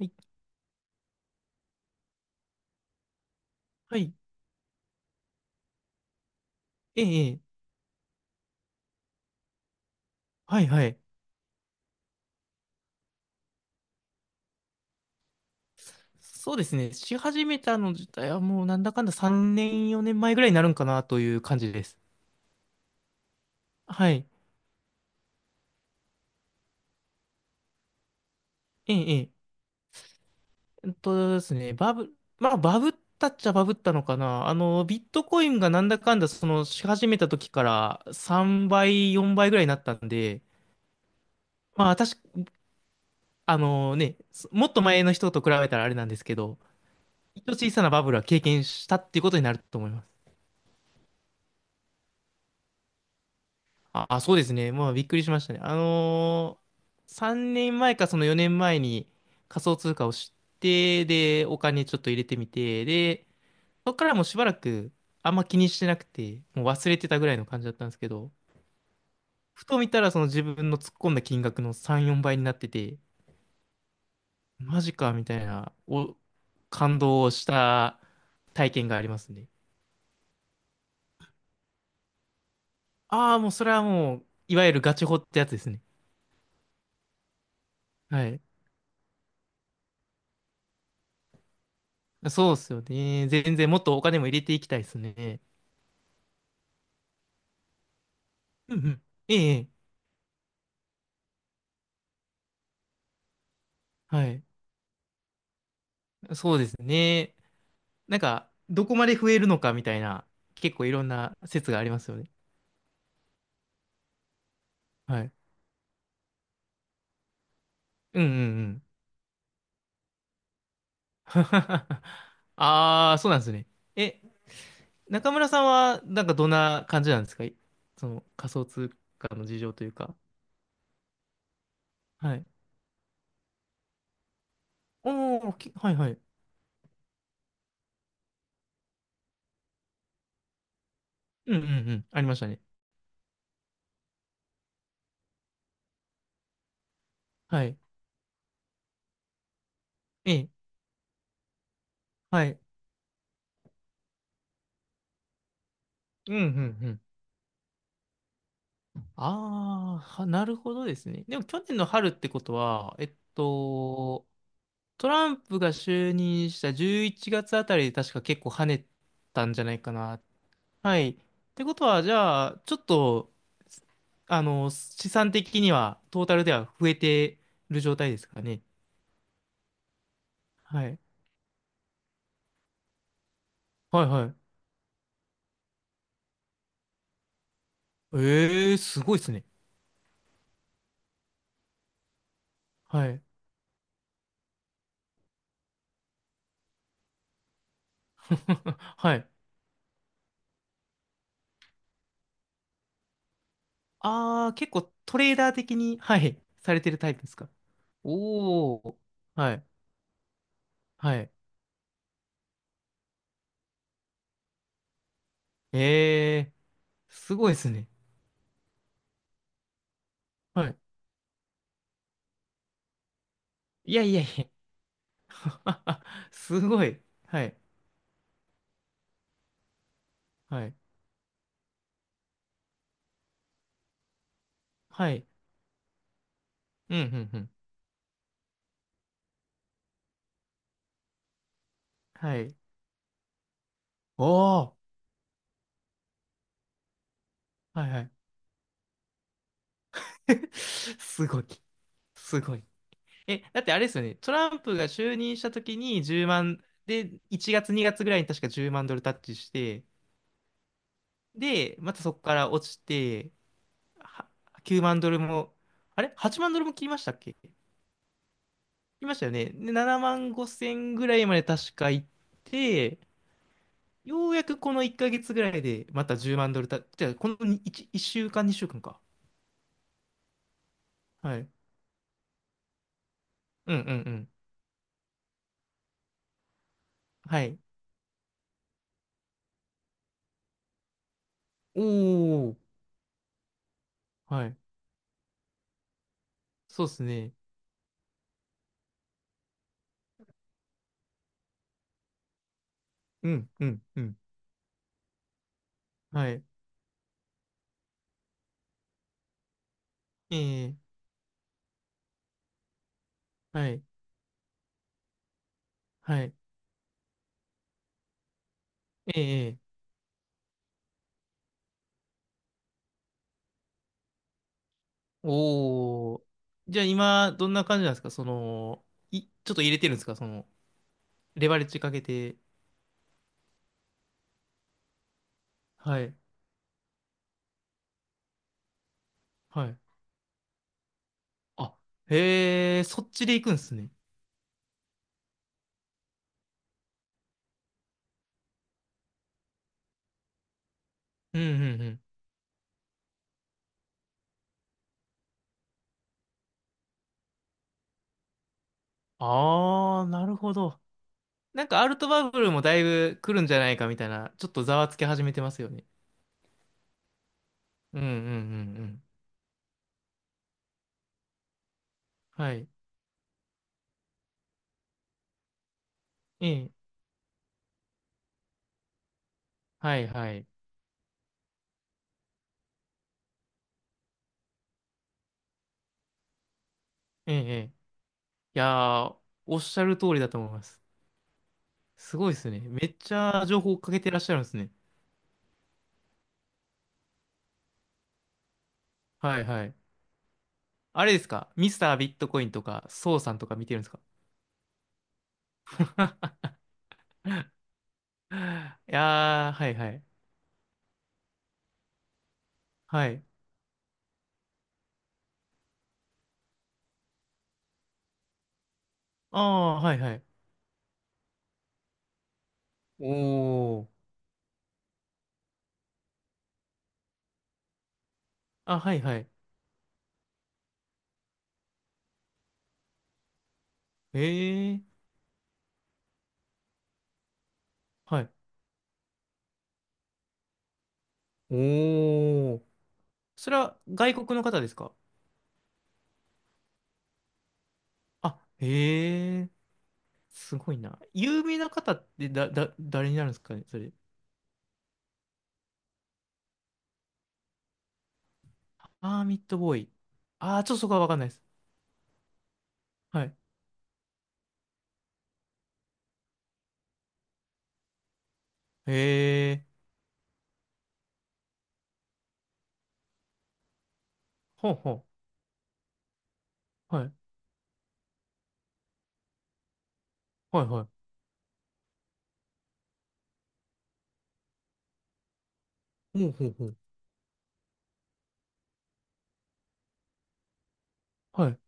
はい、はい、ええ、ええ、はい、はい。そうですね。し始めたの自体はもうなんだかんだ3年、4年前ぐらいになるんかなという感じです。はい。ええ、ええ。えっとですね、バブ、まあ、バブったっちゃバブったのかな。あの、ビットコインがなんだかんだ、その、し始めた時から3倍、4倍ぐらいになったんで、まあ、私、あのね、そもっと前の人と比べたらあれなんですけど、一応小さなバブルは経験したっていうことになると思います。あ、そうですね。まあ、びっくりしましたね。3年前かその4年前に仮想通貨を知って、で、お金ちょっと入れてみて、で、そこからもうしばらくあんま気にしてなくて、もう忘れてたぐらいの感じだったんですけど、ふと見たらその自分の突っ込んだ金額の3、4倍になってて、マジかみたいな、感動した体験がありますね。ああ、もうそれはもう、いわゆるガチホってやつですね。はい。そうっすよね。全然もっとお金も入れていきたいですね。うんうん。ええ、はい。そうですね。なんか、どこまで増えるのかみたいな、結構いろんな説がありますよね。はい。うんうんうん。ああ、そうなんですね。え、中村さんは、なんかどんな感じなんですか？その仮想通貨の事情というか。はい。おー、はいはい。うんうんうん。ありましたね。はい。ええ、はい。うんうん、ああ、なるほどですね。でも去年の春ってことは、トランプが就任した11月あたりで確か結構跳ねたんじゃないかな。はい。ってことは、じゃあ、ちょっと、資産的には、トータルでは増えてる状態ですかね。はい。はいはい。ええー、すごいですね。はい。はい。ああ、結構トレーダー的に、はい、されてるタイプですか？おおー。はい。はい。ええー、すごいですね。はい。いやいやいや。すごい。はい。はい。はい。うん、うん、うん。はい。おー。はい、はい。すごい。すごい。え、だってあれですよね。トランプが就任した時に1万、で、1月、2月ぐらいに確か10万ドルタッチして、で、またそこから落ちて、は9万ドルも、あれ？ 8 万ドルも切りましたっけ？切りましたよね。で、7万5千ぐらいまで確か行って、ようやくこの1ヶ月ぐらいでまた10万ドルた、じゃあこの1、一週間、2週間かんか。はい。うんうんうん。はい。おー。はい。そうですね。うんうんうん。はい。ええ、はい。はい。ええ、おー。じゃあ今、どんな感じなんですか？その、ちょっと入れてるんですか？その、レバレッジかけて。はい。はい。あ、へえ、そっちで行くんですね。うんうんうん。あー、なるほど。なんかアルトバブルもだいぶ来るんじゃないかみたいな、ちょっとざわつき始めてますよね。うんうんうんうん。はい。ええ。はいはい。ええ。ええ、いやー、おっしゃる通りだと思います。すごいですね。めっちゃ情報をかけてらっしゃるんですね。はいはい。あれですか？ミスタービットコインとか、ソウさんとか見てるんですか？ いやー、はいはい。はい。ああ、はいはい。おー。あ、はいはい。ええ。はい。おー。それは外国の方ですか？あ、へえ、すごいな。有名な方って誰になるんですかね、それ。あーミッドボーイ。あー、ちょっとそこはわかんないです。はい。へえ、ほうほう。はい。はいはい。ほうほうほう。はい。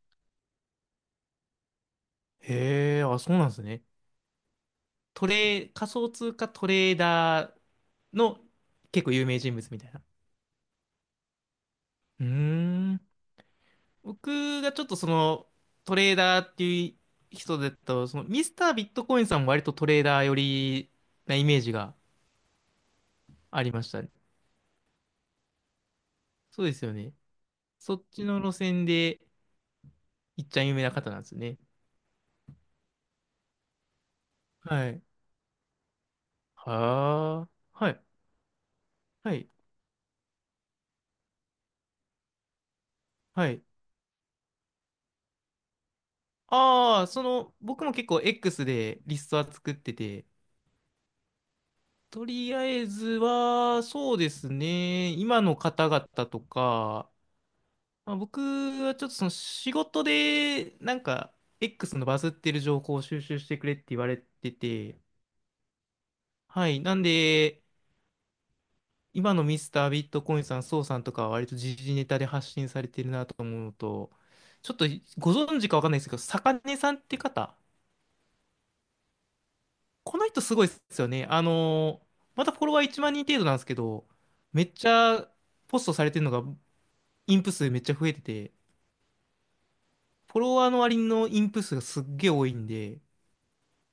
へえ、あ、そうなんですね。トレー、仮想通貨トレーダーの結構有名人物みたいな。うーん。僕がちょっとその、トレーダーっていう人だと、その、ミスタービットコインさんも割とトレーダー寄りなイメージがありましたね。そうですよね。そっちの路線で、いっちゃん有名な方なんですね。はい。はあ。はい。はい。はい。ああ、その、僕も結構 X でリストは作ってて、とりあえずは、そうですね、今の方々とか、まあ、僕はちょっとその仕事で、なんか、X のバズってる情報を収集してくれって言われてて、はい。なんで、今のミスタービットコインさん、ソウさんとかは割と時事ネタで発信されてるなと思うのと、ちょっとご存知かわかんないですけど、坂根さんって方、この人すごいですよね。またフォロワー1万人程度なんですけど、めっちゃポストされてるのがインプ数めっちゃ増えてて、フォロワーの割のインプ数がすっげえ多いんで、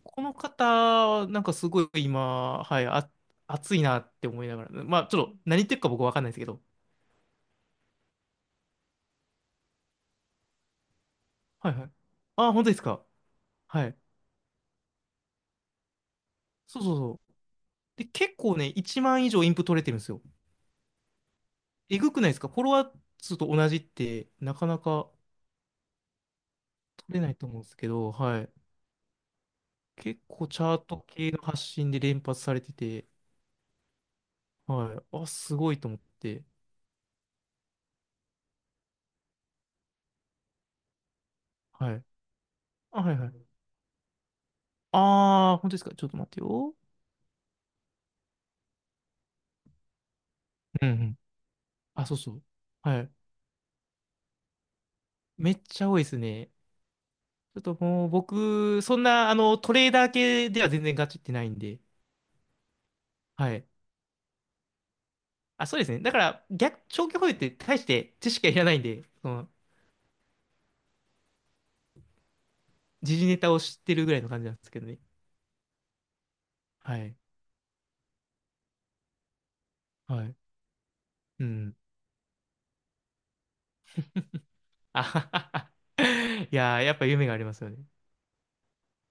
この方、なんかすごい今、はい、あ、熱いなって思いながら、まあちょっと何言ってるか僕わかんないですけど、はいはい。あ、本当ですか？はい。そうそう、で、結構ね、1万以上インプ取れてるんですよ。えぐくないですか？フォロワー数と同じって、なかなか取れないと思うんですけど、はい。結構チャート系の発信で連発されてて、はい。あ、すごいと思って、はい。あ、はいはい。あー、本当ですか？ちょっと待ってよ。うんうん。あ、そうそう。はい。めっちゃ多いですね。ちょっともう僕、そんな、あの、トレーダー系では全然ガチってないんで、はい。あ、そうですね。だから、逆、長期保有って大して知識はいらないんで、その時事ネタを知ってるぐらいの感じなんですけどね。はい。はい。うん。あははは。いやー、やっぱ夢がありますよね。